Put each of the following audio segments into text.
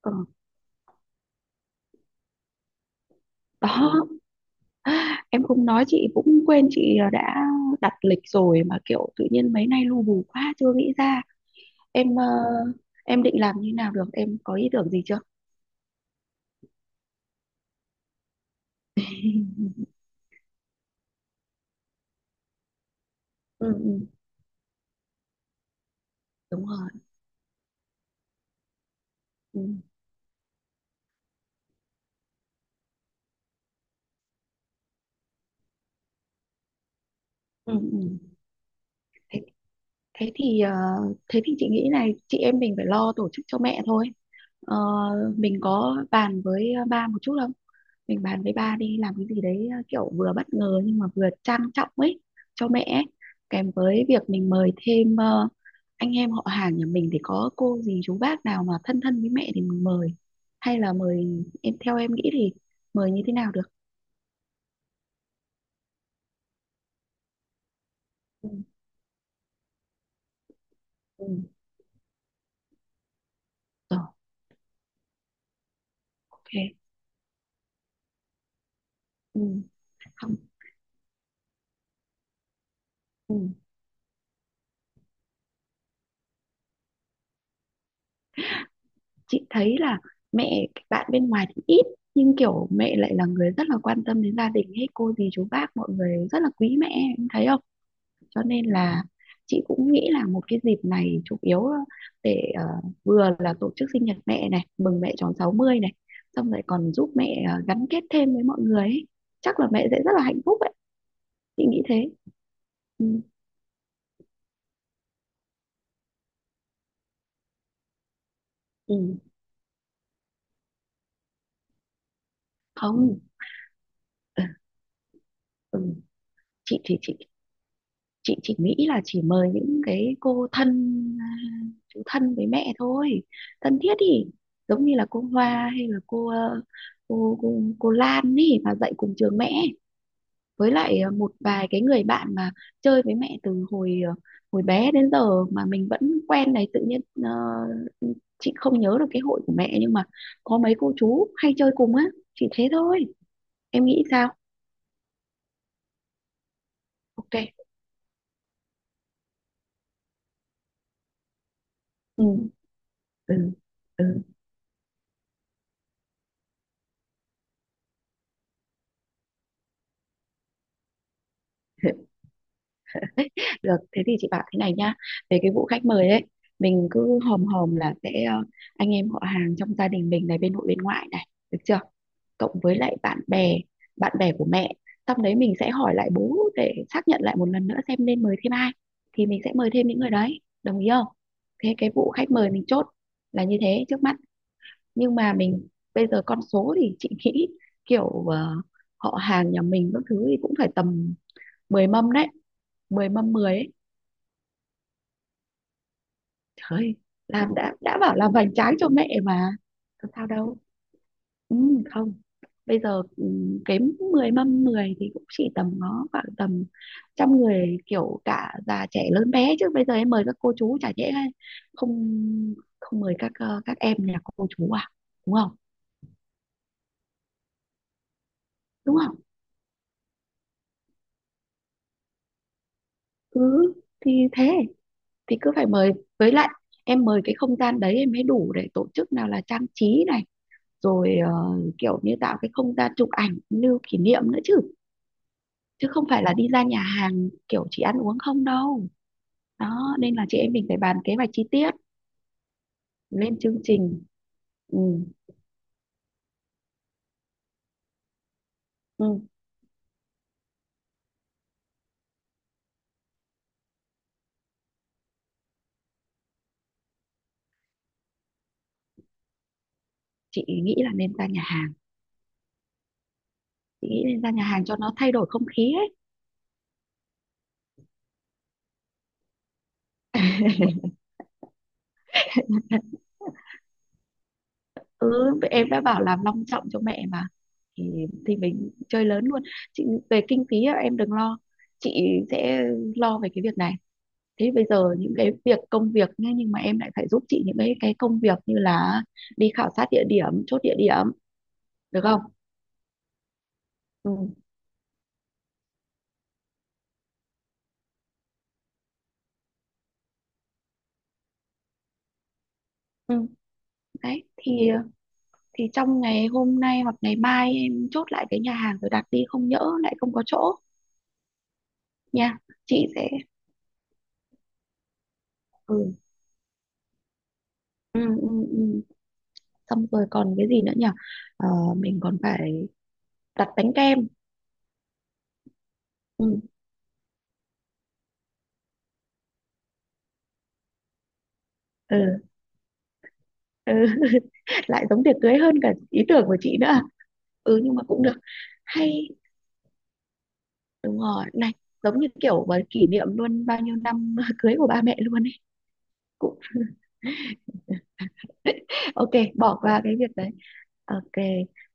Ờ, đó em không nói chị cũng quên. Chị đã đặt lịch rồi mà kiểu tự nhiên mấy nay lu bù quá chưa nghĩ ra. Em em định làm như nào được, em có ý tưởng gì chưa? Ừ, ừ, đúng rồi. Ừ, ừ, ừ. Thế, thế thì ờ, thế thì chị nghĩ này, chị em mình phải lo tổ chức cho mẹ thôi. Ờ, mình có bàn với ba một chút không? Mình bàn với ba đi làm cái gì đấy kiểu vừa bất ngờ nhưng mà vừa trang trọng ấy cho mẹ ấy. Kèm với việc mình mời thêm anh em họ hàng nhà mình thì có cô dì chú bác nào mà thân thân với mẹ thì mình mời, hay là mời em. Theo em nghĩ thì mời như thế nào được? Ừ, ừ, rồi. Ok. Ừ, không. Ừ. Chị thấy là mẹ bạn bên ngoài thì ít, nhưng kiểu mẹ lại là người rất là quan tâm đến gia đình ấy, cô dì chú bác mọi người rất là quý mẹ, em thấy không? Cho nên là chị cũng nghĩ là một cái dịp này chủ yếu là để vừa là tổ chức sinh nhật mẹ này, mừng mẹ tròn 60 này, xong rồi còn giúp mẹ gắn kết thêm với mọi người ấy. Chắc là mẹ sẽ rất là hạnh phúc ấy, chị nghĩ thế. Ừ. Ừ. Không. Ừ. Ừ. chị thì chị chỉ nghĩ là chỉ mời những cái cô thân, à, chú thân với mẹ thôi, thân thiết thì giống như là cô Hoa, hay là cô cô Lan ấy mà dạy cùng trường mẹ, với lại một vài cái người bạn mà chơi với mẹ từ hồi hồi bé đến giờ mà mình vẫn quen này. Tự nhiên chị không nhớ được cái hội của mẹ, nhưng mà có mấy cô chú hay chơi cùng á, chỉ thế thôi. Em nghĩ sao? Ok. Ừ. Ừ. Ừ. Ừ. Được, thế thì chị bảo thế này nhá. Về cái vụ khách mời ấy, mình cứ hòm hòm là sẽ anh em họ hàng trong gia đình mình này, bên nội bên ngoại này, được chưa? Cộng với lại bạn bè của mẹ. Xong đấy mình sẽ hỏi lại bố để xác nhận lại một lần nữa xem nên mời thêm ai. Thì mình sẽ mời thêm những người đấy, đồng ý không? Thế cái vụ khách mời mình chốt là như thế trước mắt. Nhưng mà mình bây giờ con số thì chị nghĩ kiểu họ hàng nhà mình các thứ thì cũng phải tầm 10 mâm đấy. 10 mâm mười ấy. Thôi, làm, đã bảo làm hoành tráng cho mẹ mà. Không sao đâu. Ừ, không. Bây giờ kém 10 mâm 10 thì cũng chỉ tầm nó khoảng tầm trăm người, kiểu cả già trẻ lớn bé. Chứ bây giờ em mời các cô chú chả dễ, hay không, không mời các các em nhà cô chú à, đúng không? Đúng không? Ừ, thì thế thì cứ phải mời. Với lại em mời cái không gian đấy em mới đủ để tổ chức, nào là trang trí này, rồi kiểu như tạo cái không gian chụp ảnh lưu kỷ niệm nữa chứ, chứ không phải là đi ra nhà hàng kiểu chỉ ăn uống không đâu. Đó nên là chị em mình phải bàn kế hoạch chi tiết, lên chương trình. Ừ, ừ. Chị nghĩ là nên ra nhà hàng. Chị nghĩ nên ra nhà hàng cho nó thay đổi không khí ấy. Ừ, vậy em đã bảo làm long trọng cho mẹ mà, thì, thì mình chơi lớn luôn. Chị về kinh phí á, em đừng lo, chị sẽ lo về cái việc này. Thế bây giờ những cái việc công việc nhá, nhưng mà em lại phải giúp chị những cái công việc như là đi khảo sát địa điểm, chốt địa điểm, được không? Ừ. Ừ, đấy thì thì trong ngày hôm nay hoặc ngày mai em chốt lại cái nhà hàng rồi đặt đi, không nhỡ lại không có chỗ. Nha, chị sẽ, ừ, ừ, ừ, ừ. Xong rồi còn cái gì nữa nhỉ? Ờ, mình còn phải đặt bánh kem. Ừ, ừ, ừ. Lại giống tiệc cưới hơn cả ý tưởng của chị nữa. Ừ, nhưng mà cũng được, hay, đúng rồi này, giống như kiểu mà kỷ niệm luôn bao nhiêu năm cưới của ba mẹ luôn ấy, cũng ok. Bỏ qua cái việc đấy. Ok,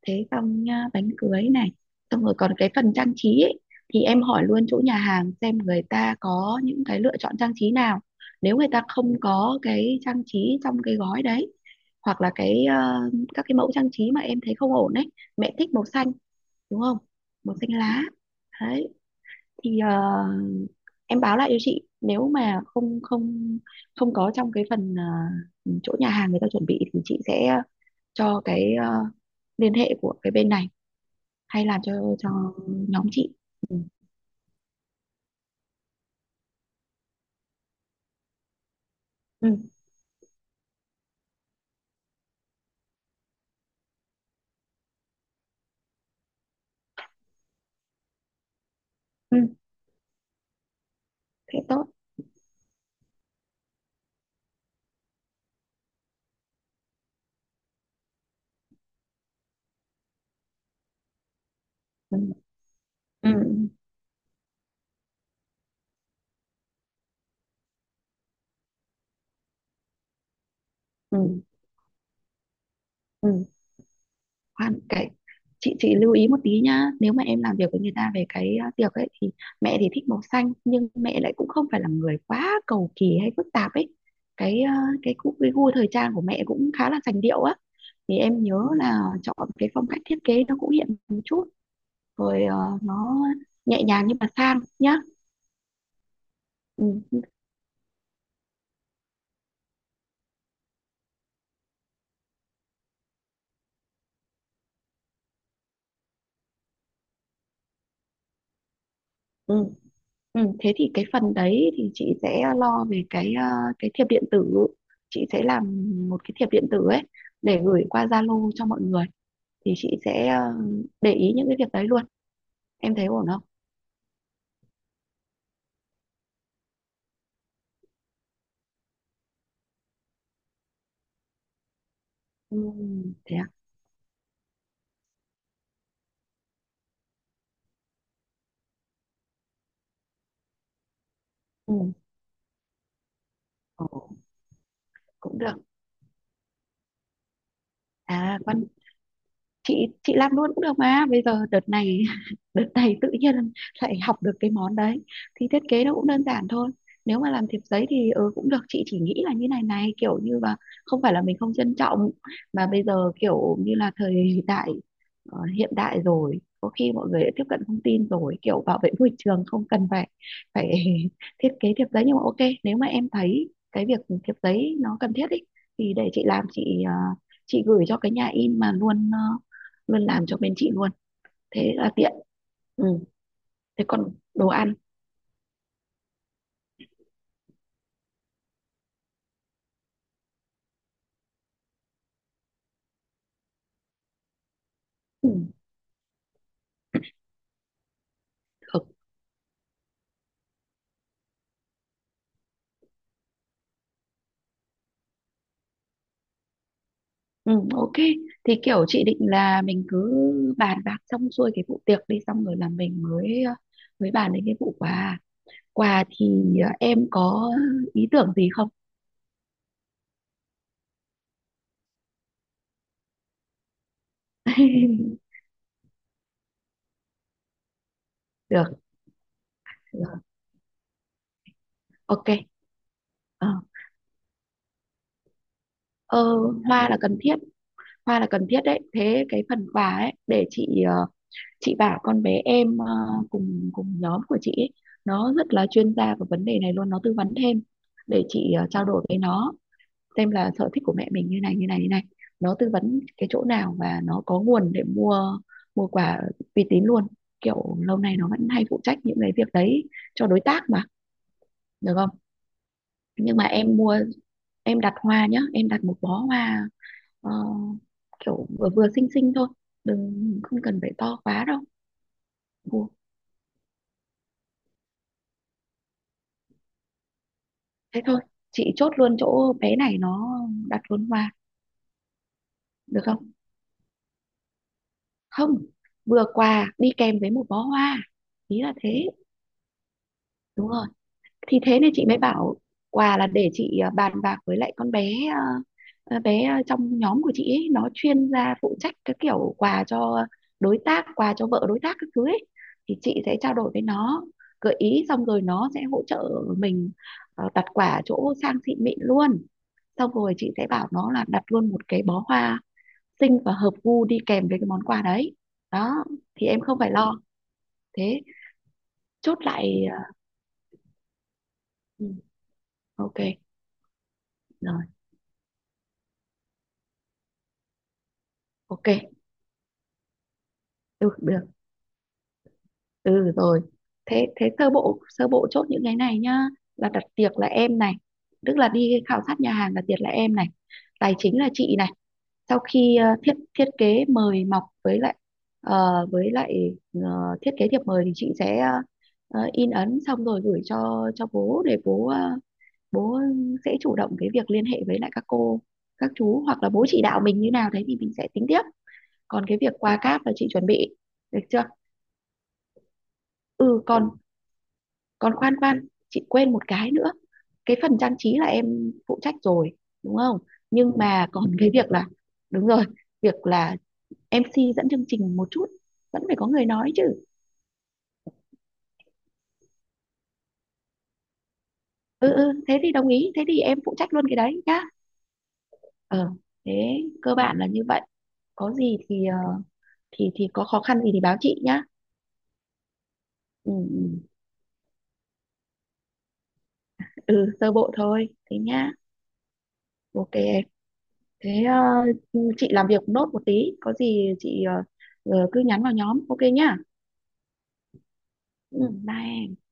thế xong nhá, bánh cưới này. Xong rồi còn cái phần trang trí ấy, thì em hỏi luôn chỗ nhà hàng xem người ta có những cái lựa chọn trang trí nào. Nếu người ta không có cái trang trí trong cái gói đấy, hoặc là cái các cái mẫu trang trí mà em thấy không ổn đấy. Mẹ thích màu xanh, đúng không? Màu xanh lá. Đấy thì em báo lại cho chị, nếu mà không không không có trong cái phần chỗ nhà hàng người ta chuẩn bị thì chị sẽ cho cái liên hệ của cái bên này hay làm cho nhóm chị. Ừ. Ừ, ừ. Thế tốt. Ừ. Ừ. Ừ, ừ. Ừ. Khoan cái, chị lưu ý một tí nhá. Nếu mà em làm việc với người ta về cái tiệc ấy thì mẹ thì thích màu xanh, nhưng mẹ lại cũng không phải là người quá cầu kỳ hay phức tạp ấy. Cái gu thời trang của mẹ cũng khá là sành điệu á, thì em nhớ là chọn cái phong cách thiết kế nó cũng hiện một chút, rồi nó nhẹ nhàng nhưng mà sang nhá. Ừ, ừ. Ừ. Ừ, thế thì cái phần đấy thì chị sẽ lo về cái cái thiệp điện tử. Chị sẽ làm một cái thiệp điện tử ấy để gửi qua Zalo cho mọi người. Thì chị sẽ để ý những cái việc đấy luôn, em thấy ổn không? Ừ, thế à? Ừ. Ồ, cũng được. À quan Chị làm luôn cũng được mà, bây giờ đợt này đợt này tự nhiên lại học được cái món đấy, thì thiết kế nó cũng đơn giản thôi. Nếu mà làm thiệp giấy thì ừ, cũng được. Chị chỉ nghĩ là như này này, kiểu như là không phải là mình không trân trọng, mà bây giờ kiểu như là thời đại hiện đại rồi, có khi mọi người đã tiếp cận thông tin rồi, kiểu bảo vệ môi trường không cần phải phải thiết kế thiệp giấy. Nhưng mà ok, nếu mà em thấy cái việc thiệp giấy nó cần thiết ý, thì để chị làm. Chị chị gửi cho cái nhà in mà luôn luôn làm cho bên chị luôn, thế là tiện. Ừ. Thế còn đồ ăn? Ừ. Được. Ừ, ok. Thì kiểu chị định là mình cứ bàn bạc xong xuôi cái vụ tiệc đi, xong rồi là mình mới mới bàn đến cái vụ quà. Quà thì em có ý tưởng gì không? Được, được. Ok. Ờ. Ờ, hoa là cần thiết. Hoa là cần thiết đấy. Thế cái phần quà ấy để chị chị bảo con bé em ờ, cùng cùng nhóm của chị ấy, nó rất là chuyên gia về vấn đề này luôn, nó tư vấn thêm. Để chị trao đổi với nó xem là sở thích của mẹ mình như này như này như này, nó tư vấn cái chỗ nào và nó có nguồn để mua, mua quà uy tín luôn, kiểu lâu nay nó vẫn hay phụ trách những cái việc đấy cho đối tác mà, được không? Nhưng mà em mua, em đặt hoa nhá, em đặt một bó hoa ờ, kiểu vừa vừa xinh xinh thôi, đừng, không cần phải to quá đâu. Thế thôi, chị chốt luôn chỗ bé này, nó đặt luôn hoa, được không? Không, vừa quà đi kèm với một bó hoa. Ý là thế, đúng rồi. Thì thế nên chị mới bảo quà là để chị bàn bạc với lại con bé bé trong nhóm của chị ấy, nó chuyên gia phụ trách cái kiểu quà cho đối tác, quà cho vợ đối tác các thứ ấy, thì chị sẽ trao đổi với nó, gợi ý xong rồi nó sẽ hỗ trợ mình đặt quả chỗ sang xịn mịn luôn. Xong rồi chị sẽ bảo nó là đặt luôn một cái bó hoa xinh và hợp gu đi kèm với cái món quà đấy, đó thì em không phải lo. Thế chốt lại ừ, ok. Rồi, ok. Ừ, được. Ừ, rồi. Thế thế sơ bộ chốt những cái này nhá. Là đặt tiệc là em này, tức là đi khảo sát nhà hàng, đặt tiệc là em này. Tài chính là chị này. Sau khi ờ, thiết thiết kế mời mọc với lại ờ, với lại thiết kế thiệp mời, thì chị sẽ in ấn xong rồi gửi cho bố, để bố ờ, bố sẽ chủ động cái việc liên hệ với lại các cô các chú, hoặc là bố chỉ đạo mình như nào đấy thì mình sẽ tính tiếp. Còn cái việc qua cáp là chị chuẩn bị, được chưa? Ừ. Ừ. Còn, còn, khoan khoan, chị quên một cái nữa. Cái phần trang trí là em phụ trách rồi, đúng không? Nhưng mà còn cái việc là, đúng rồi, việc là em MC dẫn chương trình một chút, vẫn phải có người nói chứ. Ừ, ừ, thế thì đồng ý, thế thì em phụ trách luôn cái đấy nhá. Ờ, thế cơ bản là như vậy. Có gì thì thì có khó khăn gì thì báo chị nhá. Ừ. Ừ. Ừ, sơ bộ thôi thế nhá. Ok em. Thế chị làm việc nốt một tí, có gì chị cứ nhắn vào nhóm, ok nhá. Ừ, bye em.